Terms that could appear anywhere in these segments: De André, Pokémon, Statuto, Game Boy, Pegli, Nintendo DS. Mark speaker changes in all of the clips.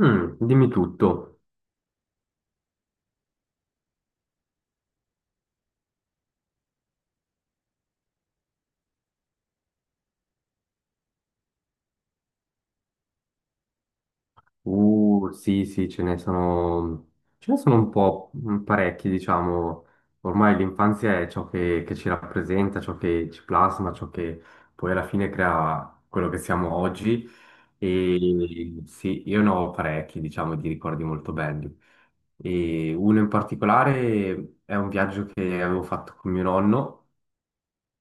Speaker 1: Mm, dimmi tutto. Sì, sì, ce ne sono un po' parecchi, diciamo. Ormai l'infanzia è ciò che ci rappresenta, ciò che ci plasma, ciò che poi alla fine crea quello che siamo oggi. E sì, io ne ho parecchi, diciamo, di ricordi molto belli. E uno in particolare è un viaggio che avevo fatto con mio nonno,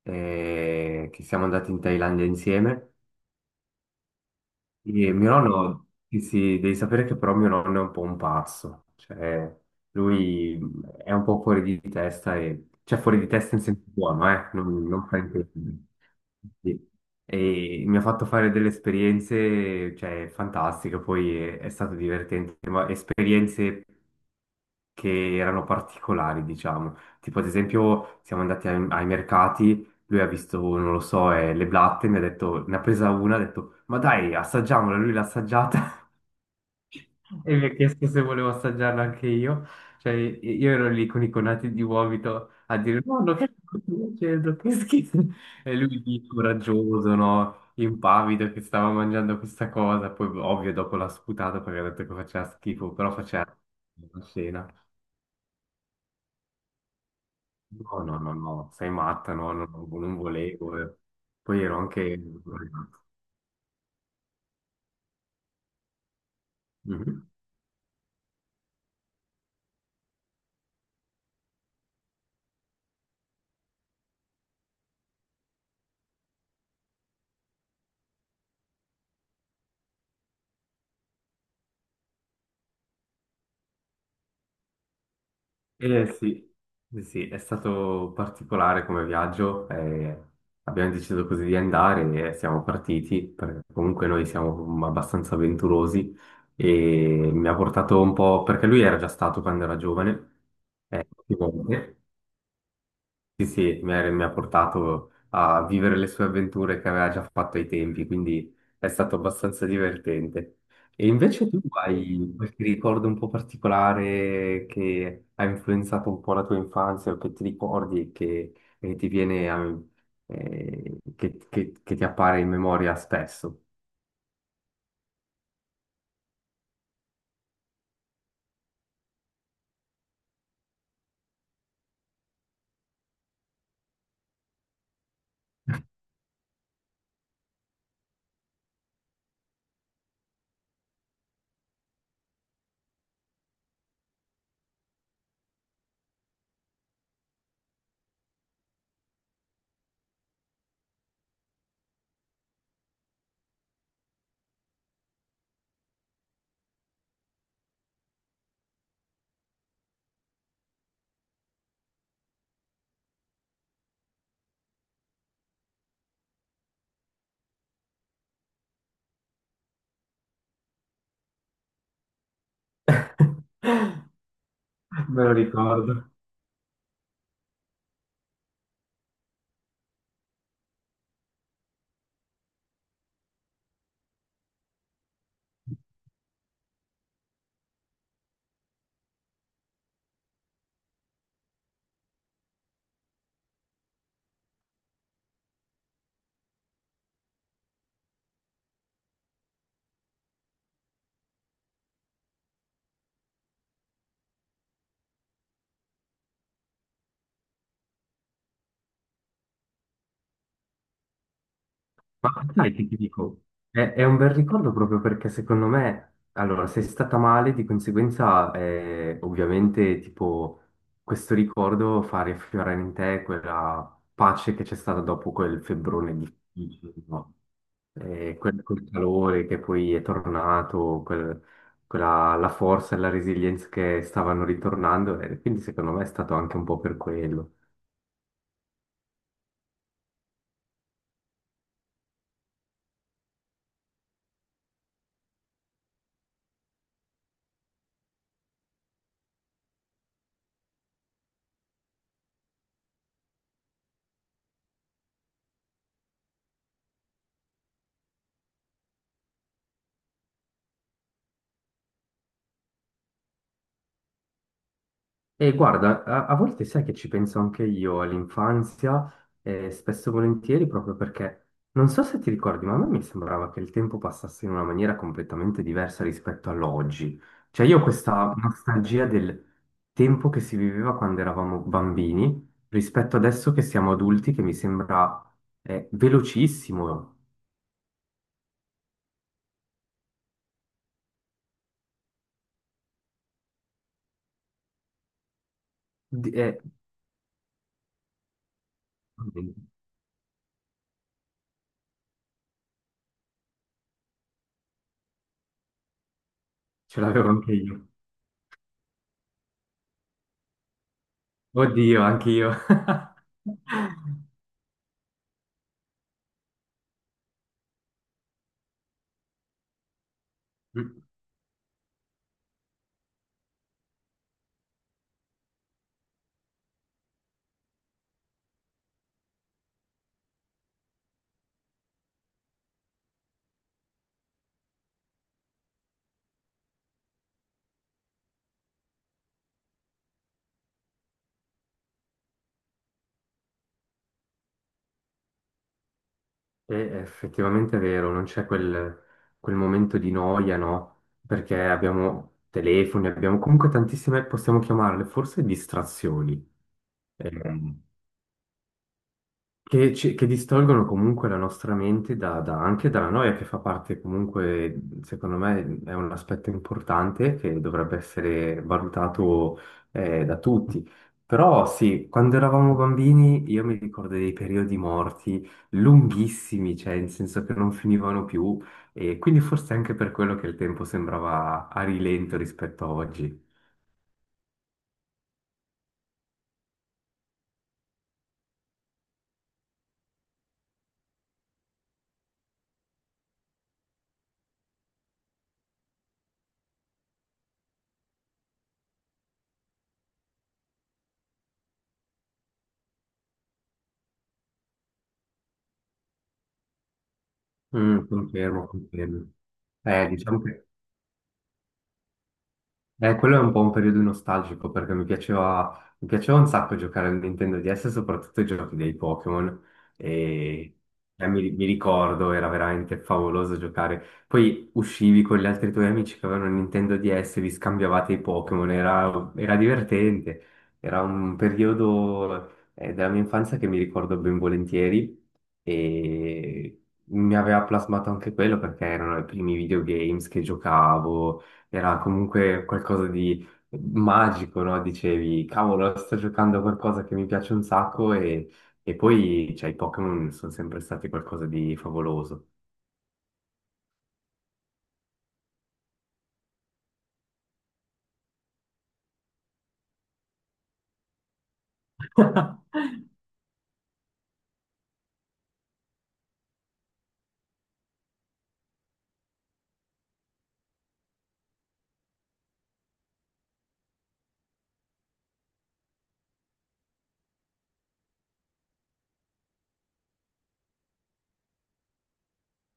Speaker 1: che siamo andati in Thailandia insieme. Sì, mio nonno, sì, sì, devi sapere che però mio nonno è un po' un pazzo, cioè lui è un po' fuori di testa, e, cioè fuori di testa in senso buono, non fa intendere. Sì. E mi ha fatto fare delle esperienze, cioè, fantastiche, poi è stato divertente, ma esperienze che erano particolari, diciamo. Tipo, ad esempio, siamo andati ai mercati, lui ha visto, non lo so, le blatte, mi ha detto, ne ha presa una, ha detto, ma dai, assaggiamola, lui l'ha assaggiata e mi ha chiesto se volevo assaggiarla anche io. Cioè, io ero lì con i conati di vomito a dire, no, no, che sto facendo, che schifo. E lui lì, coraggioso, no, impavido, che stava mangiando questa cosa, poi ovvio dopo l'ha sputato perché ha detto che faceva schifo, però faceva una scena. No, no, no, no, sei matta, no, no, no, non volevo. Eh. Poi ero anche... Mhm. Eh sì, sì, sì, è stato particolare come viaggio, abbiamo deciso così di andare e siamo partiti, perché comunque noi siamo abbastanza avventurosi e mi ha portato un po', perché lui era già stato quando era giovane, più volte. Sì, sì, mi ha portato a vivere le sue avventure che aveva già fatto ai tempi, quindi è stato abbastanza divertente. E invece tu hai qualche ricordo un po' particolare che ha influenzato un po' la tua infanzia o che ti ricordi e e ti che ti appare in memoria spesso? Me lo ricordo. Ma sai che ti dico, è un bel ricordo proprio perché secondo me, allora, sei stata male, di conseguenza, ovviamente, tipo, questo ricordo fa riaffiorare in te quella pace che c'è stata dopo quel febbrone difficile, no? Quel calore che poi è tornato, quella, la forza e la resilienza che stavano ritornando, e quindi secondo me è stato anche un po' per quello. E guarda, a volte sai che ci penso anche io all'infanzia, spesso e volentieri, proprio perché non so se ti ricordi, ma a me mi sembrava che il tempo passasse in una maniera completamente diversa rispetto all'oggi. Cioè io ho questa nostalgia del tempo che si viveva quando eravamo bambini rispetto adesso che siamo adulti, che mi sembra, velocissimo. Di- eh, ce l'avevo anche io. Oddio, anche io. È effettivamente vero, non c'è quel momento di noia, no? Perché abbiamo telefoni, abbiamo comunque tantissime, possiamo chiamarle forse distrazioni. Vero. Che, che distolgono comunque la nostra mente anche dalla noia, che fa parte comunque, secondo me, è un aspetto importante che dovrebbe essere valutato da tutti. Però sì, quando eravamo bambini io mi ricordo dei periodi morti lunghissimi, cioè in senso che non finivano più, e quindi forse anche per quello che il tempo sembrava a rilento rispetto a oggi. Mm, confermo, confermo. Diciamo che quello è un po' un periodo nostalgico perché mi piaceva un sacco giocare al Nintendo DS, soprattutto i giochi dei Pokémon. E mi ricordo, era veramente favoloso giocare. Poi uscivi con gli altri tuoi amici che avevano il Nintendo DS, vi scambiavate i Pokémon, era divertente. Era un periodo della mia infanzia che mi ricordo ben volentieri e mi aveva plasmato anche quello perché erano i primi videogames che giocavo, era comunque qualcosa di magico, no? Dicevi, cavolo, sto giocando a qualcosa che mi piace un sacco e poi, cioè, i Pokémon sono sempre stati qualcosa di favoloso.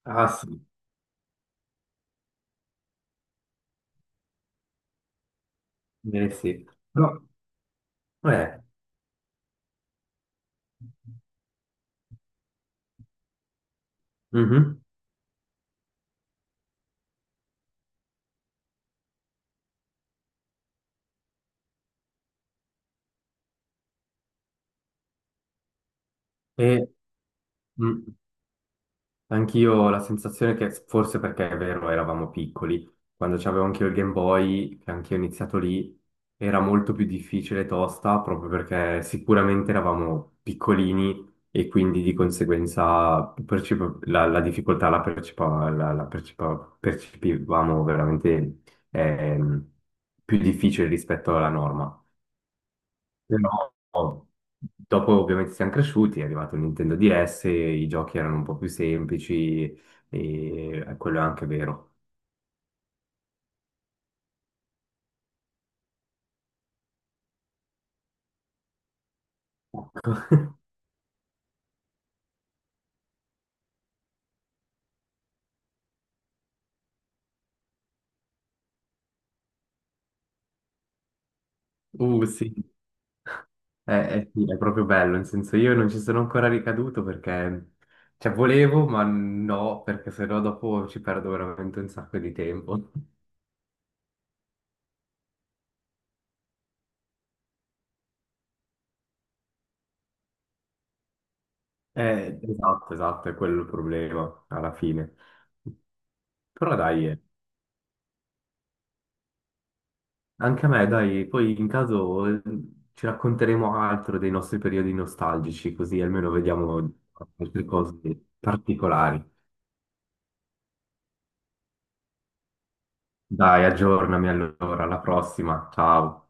Speaker 1: Ah sì, eh sì. No. Eh, mhm. E, mm. Anch'io ho la sensazione che forse perché è vero, eravamo piccoli, quando c'avevo anch'io il Game Boy, che anch'io ho iniziato lì, era molto più difficile e tosta proprio perché sicuramente eravamo piccolini e quindi di conseguenza la difficoltà la, percepa- la- la percepa- percepivamo veramente ehm, più difficile rispetto alla norma. Però dopo ovviamente siamo cresciuti, è arrivato il Nintendo DS, i giochi erano un po' più semplici e quello è anche vero. Uh, sì, eh, sì, è proprio bello, nel senso io non ci sono ancora ricaduto perché, cioè volevo, ma no, perché sennò dopo ci perdo veramente un sacco di tempo. Esatto, esatto, è quello il problema alla fine. Però dai, eh. Anche a me, dai, poi in caso ci racconteremo altro dei nostri periodi nostalgici, così almeno vediamo altre cose particolari. Dai, aggiornami allora, alla prossima, ciao.